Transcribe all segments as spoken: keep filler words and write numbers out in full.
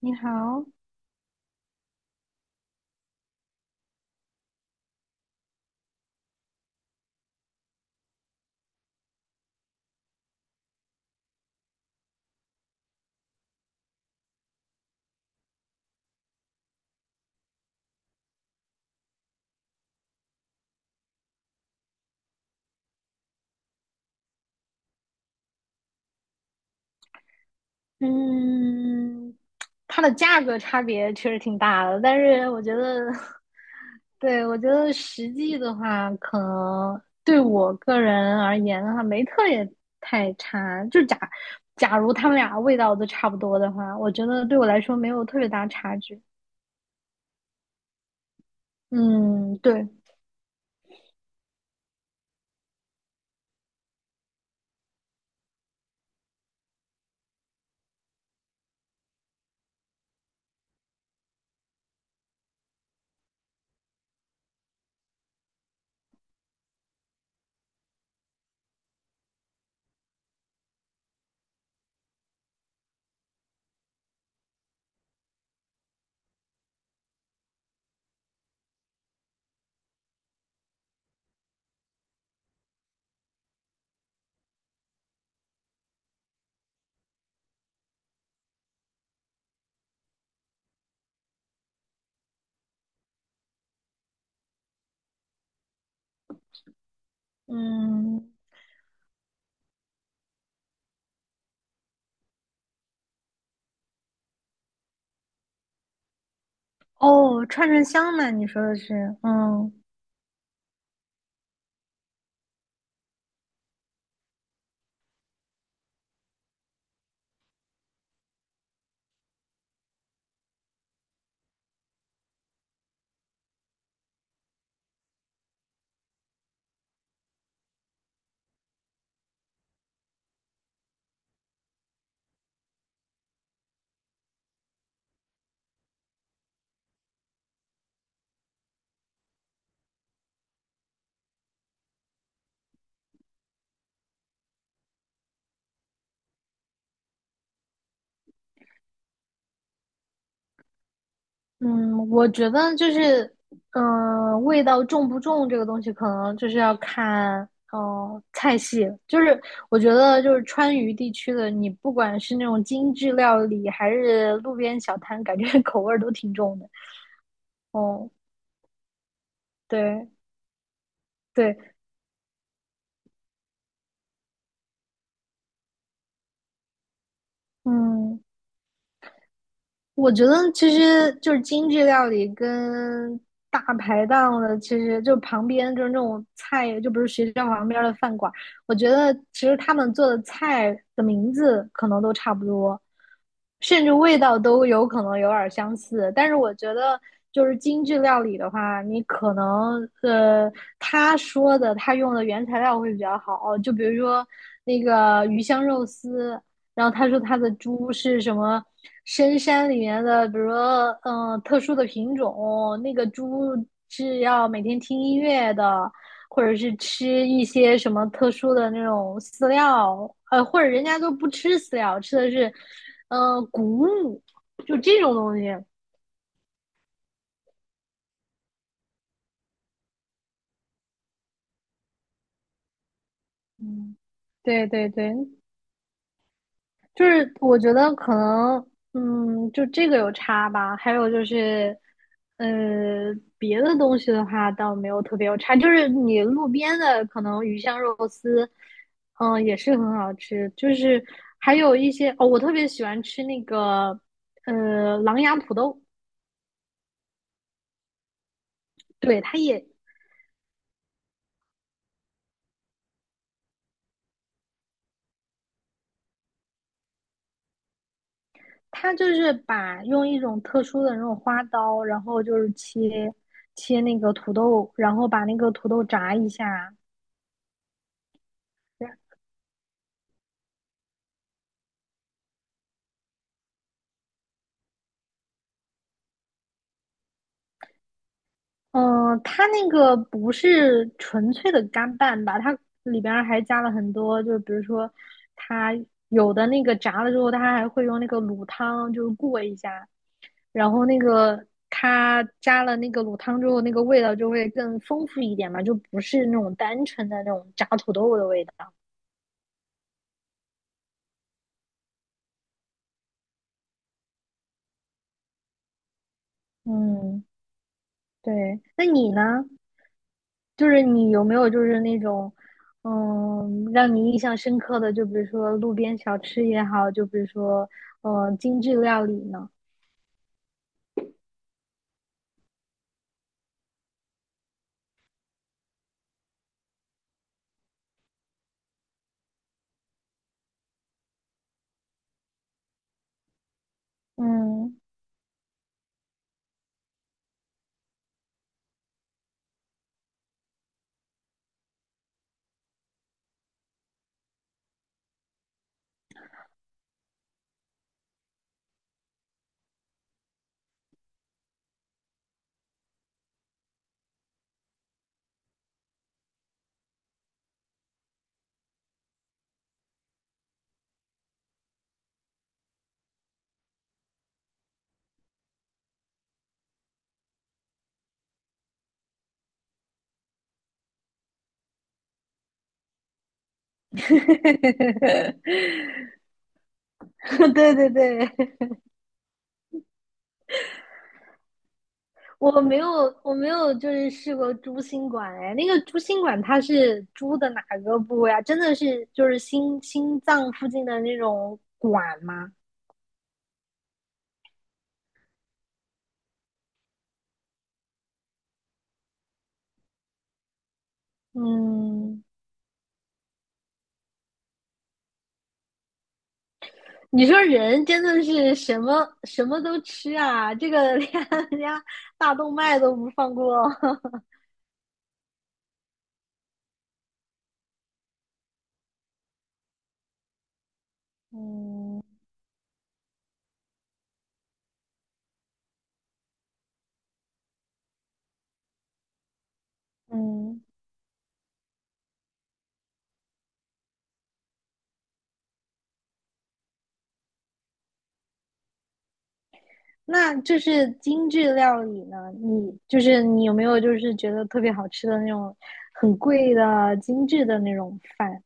你好。嗯，它的价格差别确实挺大的，但是我觉得，对，我觉得实际的话，可能对我个人而言的话，没特别太差。就假假如他们俩味道都差不多的话，我觉得对我来说没有特别大差距。嗯，对。嗯，哦，串串香嘛，你说的是。嗯。嗯，我觉得就是，嗯、味道重不重这个东西，可能就是要看，呃，菜系。就是我觉得，就是川渝地区的，你不管是那种精致料理，还是路边小摊，感觉 口味儿都挺重的。哦，对对。嗯，我觉得其实就是精致料理跟大排档的，其实就旁边就是那种菜，就不是学校旁边的饭馆。我觉得其实他们做的菜的名字可能都差不多，甚至味道都有可能有点相似。但是我觉得就是精致料理的话，你可能呃他说的他用的原材料会比较好，就比如说那个鱼香肉丝。然后他说他的猪是什么深山里面的，比如说嗯、呃特殊的品种，那个猪是要每天听音乐的，或者是吃一些什么特殊的那种饲料，呃，或者人家都不吃饲料，吃的是嗯、呃谷物，就这种东西。嗯，对对对，就是我觉得可能，嗯，就这个有差吧。还有就是，呃，别的东西的话倒没有特别有差，就是你路边的可能鱼香肉丝，嗯，也是很好吃。就是还有一些哦，我特别喜欢吃那个，呃，狼牙土豆。对，它也它就是把用一种特殊的那种花刀，然后就是切切那个土豆，然后把那个土豆炸一下。嗯，它那个不是纯粹的干拌吧？它里边儿还加了很多，就是比如说，它有的那个炸了之后，它还会用那个卤汤就是过一下，然后那个它加了那个卤汤之后，那个味道就会更丰富一点嘛，就不是那种单纯的那种炸土豆的味道。嗯，对。那你呢？就是你有没有就是那种，嗯，让你印象深刻的，就比如说路边小吃也好，就比如说，嗯，精致料理呢？嗯，对对对。我没有我没有就是试过猪心管，哎，那个猪心管它是猪的哪个部位啊？真的是就是心心脏附近的那种管吗？嗯。你说人真的是什么什么都吃啊，这个 连人家大动脉都不放过。嗯。嗯，那就是精致料理呢？你就是你有没有就是觉得特别好吃的那种很贵的精致的那种饭？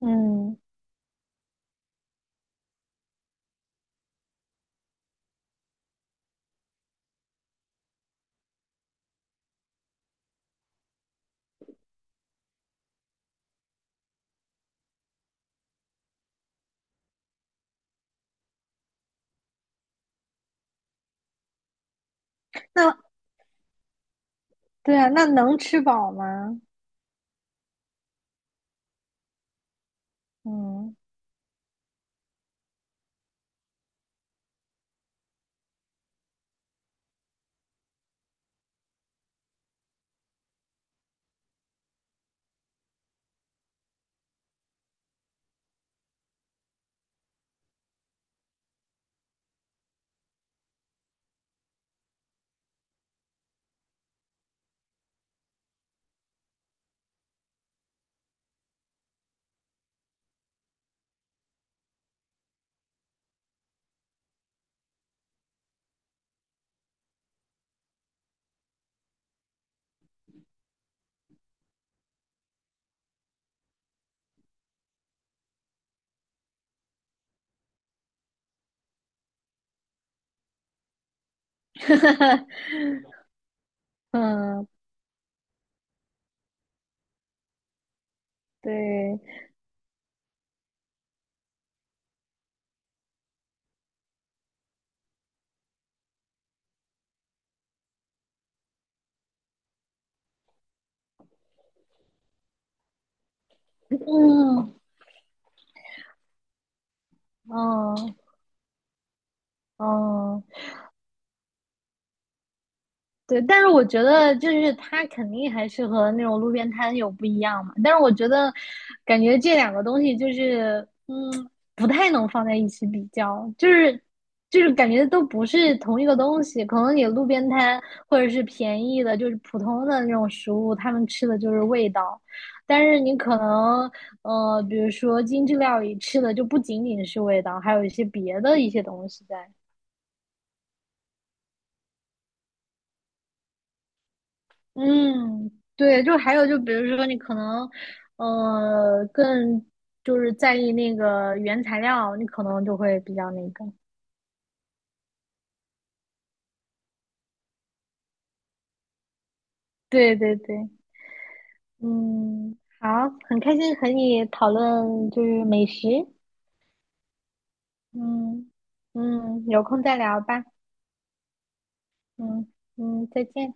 嗯。那对啊，那能吃饱吗？嗯，嗯，对，嗯，嗯，嗯。对，但是我觉得就是它肯定还是和那种路边摊有不一样嘛。但是我觉得，感觉这两个东西就是，嗯，不太能放在一起比较，就是就是感觉都不是同一个东西。可能你路边摊或者是便宜的，就是普通的那种食物，他们吃的就是味道，但是你可能呃，比如说精致料理吃的就不仅仅是味道，还有一些别的一些东西在。嗯，对，就还有就比如说你可能，呃，更就是在意那个原材料，你可能就会比较那个。对对对。嗯，好，很开心和你讨论就是美食。嗯嗯，有空再聊吧。嗯嗯，再见。